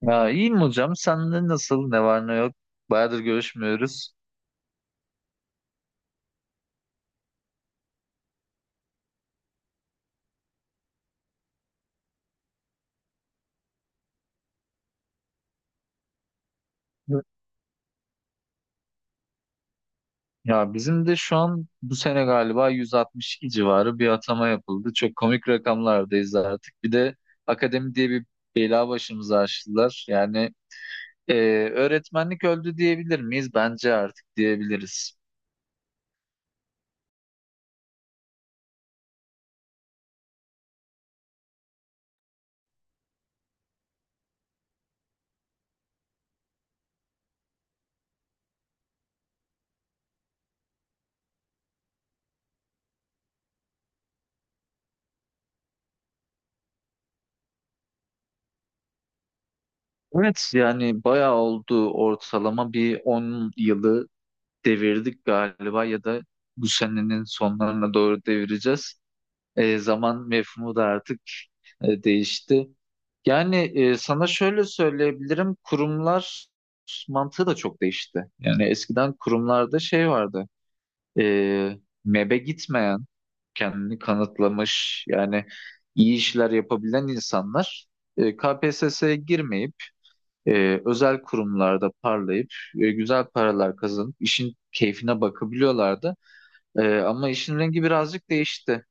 Ya iyiyim hocam. Sende nasıl? Ne var ne yok? Bayağıdır görüşmüyoruz. Hı. Ya bizim de şu an bu sene galiba 162 civarı bir atama yapıldı. Çok komik rakamlardayız artık. Bir de akademi diye bir bela başımıza açtılar. Yani e, öğretmenlik öldü diyebilir miyiz? Bence artık diyebiliriz. Evet, yani bayağı oldu, ortalama bir 10 yılı devirdik galiba ya da bu senenin sonlarına doğru devireceğiz. Zaman mefhumu da artık değişti. Yani sana şöyle söyleyebilirim, kurumlar mantığı da çok değişti. Yani eskiden kurumlarda şey vardı, e, mebe gitmeyen, kendini kanıtlamış, yani iyi işler yapabilen insanlar KPSS'ye girmeyip, özel kurumlarda parlayıp, güzel paralar kazanıp, işin keyfine bakabiliyorlardı. Ama işin rengi birazcık değişti.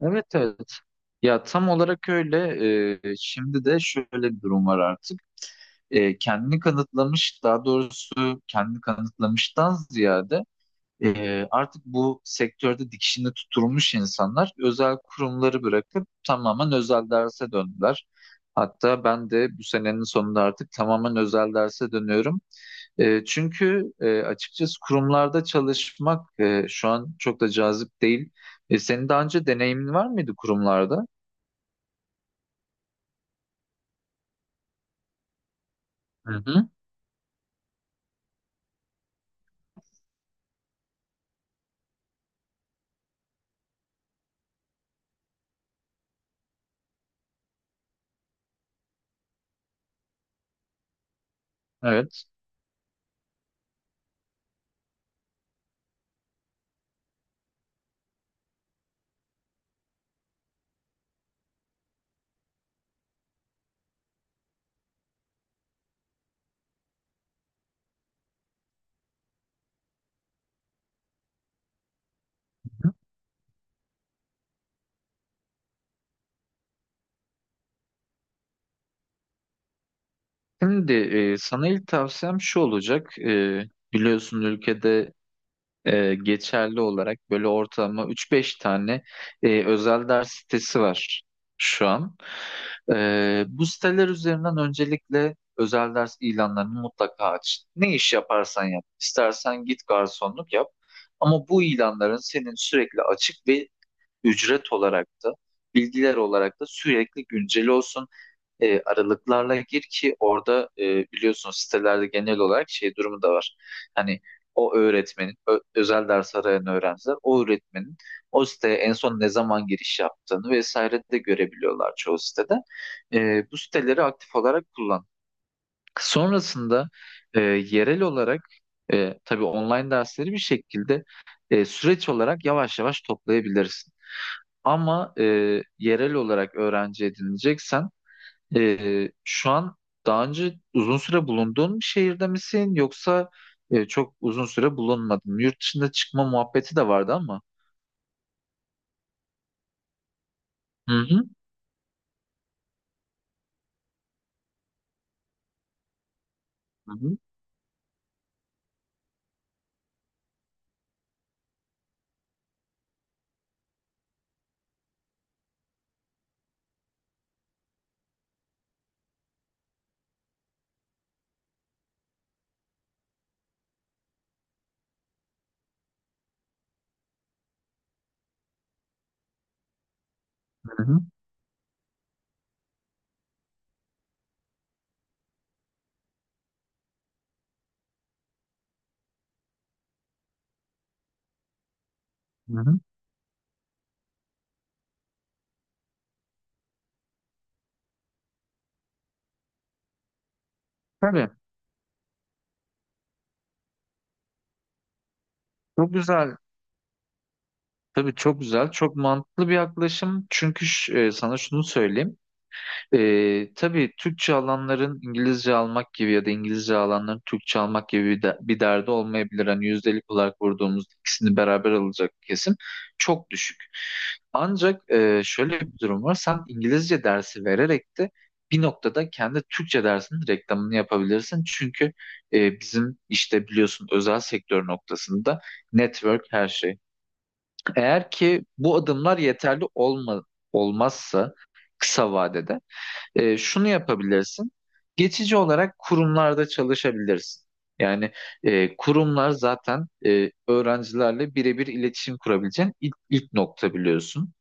Evet, evet. Ya tam olarak öyle. Şimdi de şöyle bir durum var artık. Kendini kanıtlamış, daha doğrusu kendini kanıtlamıştan ziyade artık bu sektörde dikişini tutturmuş insanlar özel kurumları bırakıp tamamen özel derse döndüler. Hatta ben de bu senenin sonunda artık tamamen özel derse dönüyorum. Çünkü açıkçası kurumlarda çalışmak şu an çok da cazip değil. Senin daha önce deneyimin var mıydı kurumlarda? Hı hı. Evet. Şimdi sana ilk tavsiyem şu olacak. Biliyorsun ülkede geçerli olarak böyle ortalama 3-5 tane özel ders sitesi var şu an. Bu siteler üzerinden öncelikle özel ders ilanlarını mutlaka aç. Ne iş yaparsan yap. İstersen git garsonluk yap. Ama bu ilanların senin sürekli açık ve ücret olarak da bilgiler olarak da sürekli güncel olsun, aralıklarla gir ki orada biliyorsunuz sitelerde genel olarak şey durumu da var. Hani o öğretmenin, özel ders arayan öğrenciler o öğretmenin o siteye en son ne zaman giriş yaptığını vesaire de görebiliyorlar çoğu sitede. Bu siteleri aktif olarak kullan. Sonrasında yerel olarak tabii online dersleri bir şekilde süreç olarak yavaş yavaş toplayabilirsin. Ama yerel olarak öğrenci edineceksen şu an daha önce uzun süre bulunduğun bir şehirde misin yoksa çok uzun süre bulunmadın? Yurt dışında çıkma muhabbeti de vardı ama. Hı hı. Hı hı. Hı hı. Hı hı. Tabii, çok güzel. Tabii, çok güzel. Çok mantıklı bir yaklaşım. Çünkü sana şunu söyleyeyim. Tabii Türkçe alanların İngilizce almak gibi ya da İngilizce alanların Türkçe almak gibi bir derdi olmayabilir. Hani yüzdelik olarak vurduğumuz ikisini beraber alacak kesim çok düşük. Ancak şöyle bir durum var. Sen İngilizce dersi vererek de bir noktada kendi Türkçe dersinin reklamını yapabilirsin. Çünkü bizim işte biliyorsun özel sektör noktasında network her şey. Eğer ki bu adımlar yeterli olmazsa kısa vadede şunu yapabilirsin. Geçici olarak kurumlarda çalışabilirsin. Yani kurumlar zaten öğrencilerle birebir iletişim kurabileceğin ilk nokta biliyorsun.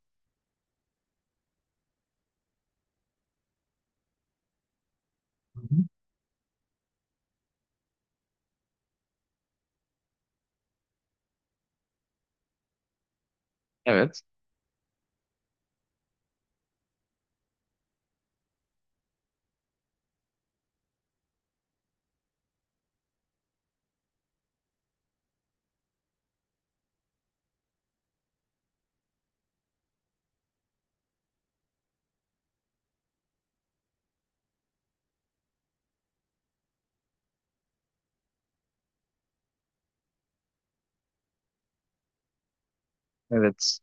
Hı hı. Evet. Evet.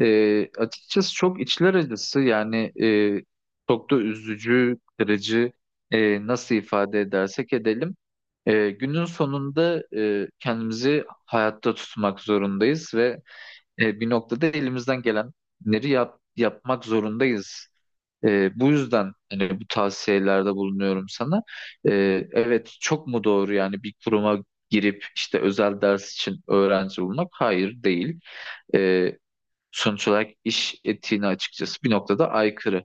Açıkçası çok içler acısı, yani çok da üzücü, kırıcı, nasıl ifade edersek edelim. Günün sonunda kendimizi hayatta tutmak zorundayız ve bir noktada elimizden gelenleri yapmak zorundayız. Bu yüzden hani bu tavsiyelerde bulunuyorum sana. E, evet, çok mu doğru yani bir kuruma girip işte özel ders için öğrenci bulmak? Hayır, değil. E, Sonuç olarak iş etiğine açıkçası bir noktada aykırı.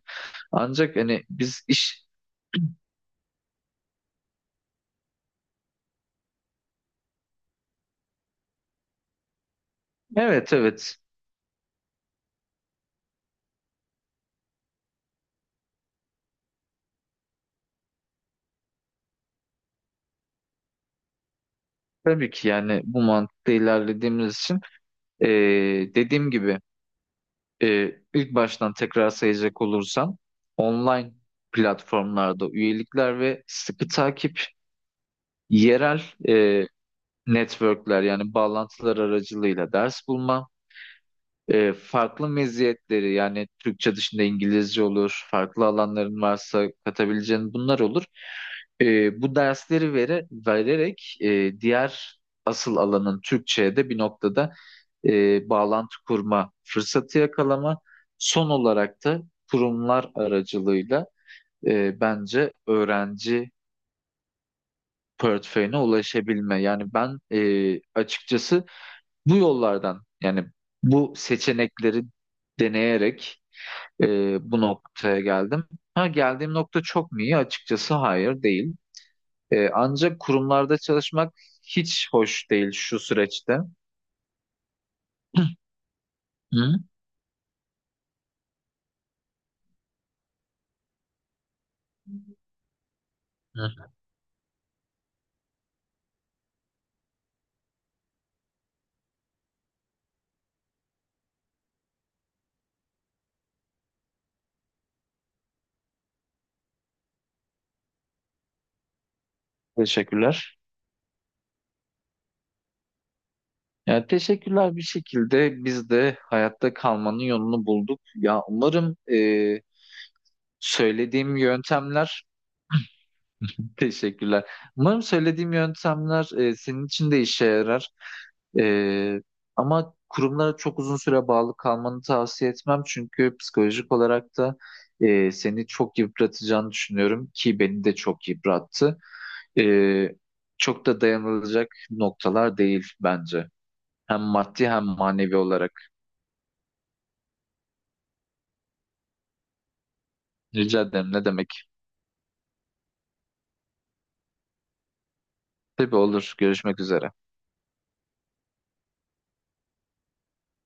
Ancak hani biz evet, evet, tabii ki, yani bu mantıkla ilerlediğimiz için e, dediğim gibi, ilk baştan tekrar sayacak olursam, online platformlarda üyelikler ve sıkı takip, yerel e, networkler yani bağlantılar aracılığıyla ders bulma, farklı meziyetleri yani Türkçe dışında İngilizce olur, farklı alanların varsa katabileceğin bunlar olur. Bu dersleri vererek diğer asıl alanın Türkçe'ye de bir noktada bağlantı kurma fırsatı yakalama. Son olarak da kurumlar aracılığıyla bence öğrenci portföyüne ulaşabilme. Yani ben açıkçası bu yollardan yani bu seçenekleri deneyerek bu noktaya geldim. Ha, geldiğim nokta çok mu iyi? Açıkçası hayır, değil. Ancak kurumlarda çalışmak hiç hoş değil şu süreçte. Hı? Hı. Teşekkürler. Yani teşekkürler, bir şekilde biz de hayatta kalmanın yolunu bulduk. Ya umarım söylediğim yöntemler. Teşekkürler. Umarım söylediğim yöntemler senin için de işe yarar. E, Ama kurumlara çok uzun süre bağlı kalmanı tavsiye etmem. Çünkü psikolojik olarak da seni çok yıpratacağını düşünüyorum ki beni de çok yıprattı. E, Çok da dayanılacak noktalar değil bence. Hem maddi hem manevi olarak. Rica ederim, ne demek. Tabii, olur. Görüşmek üzere.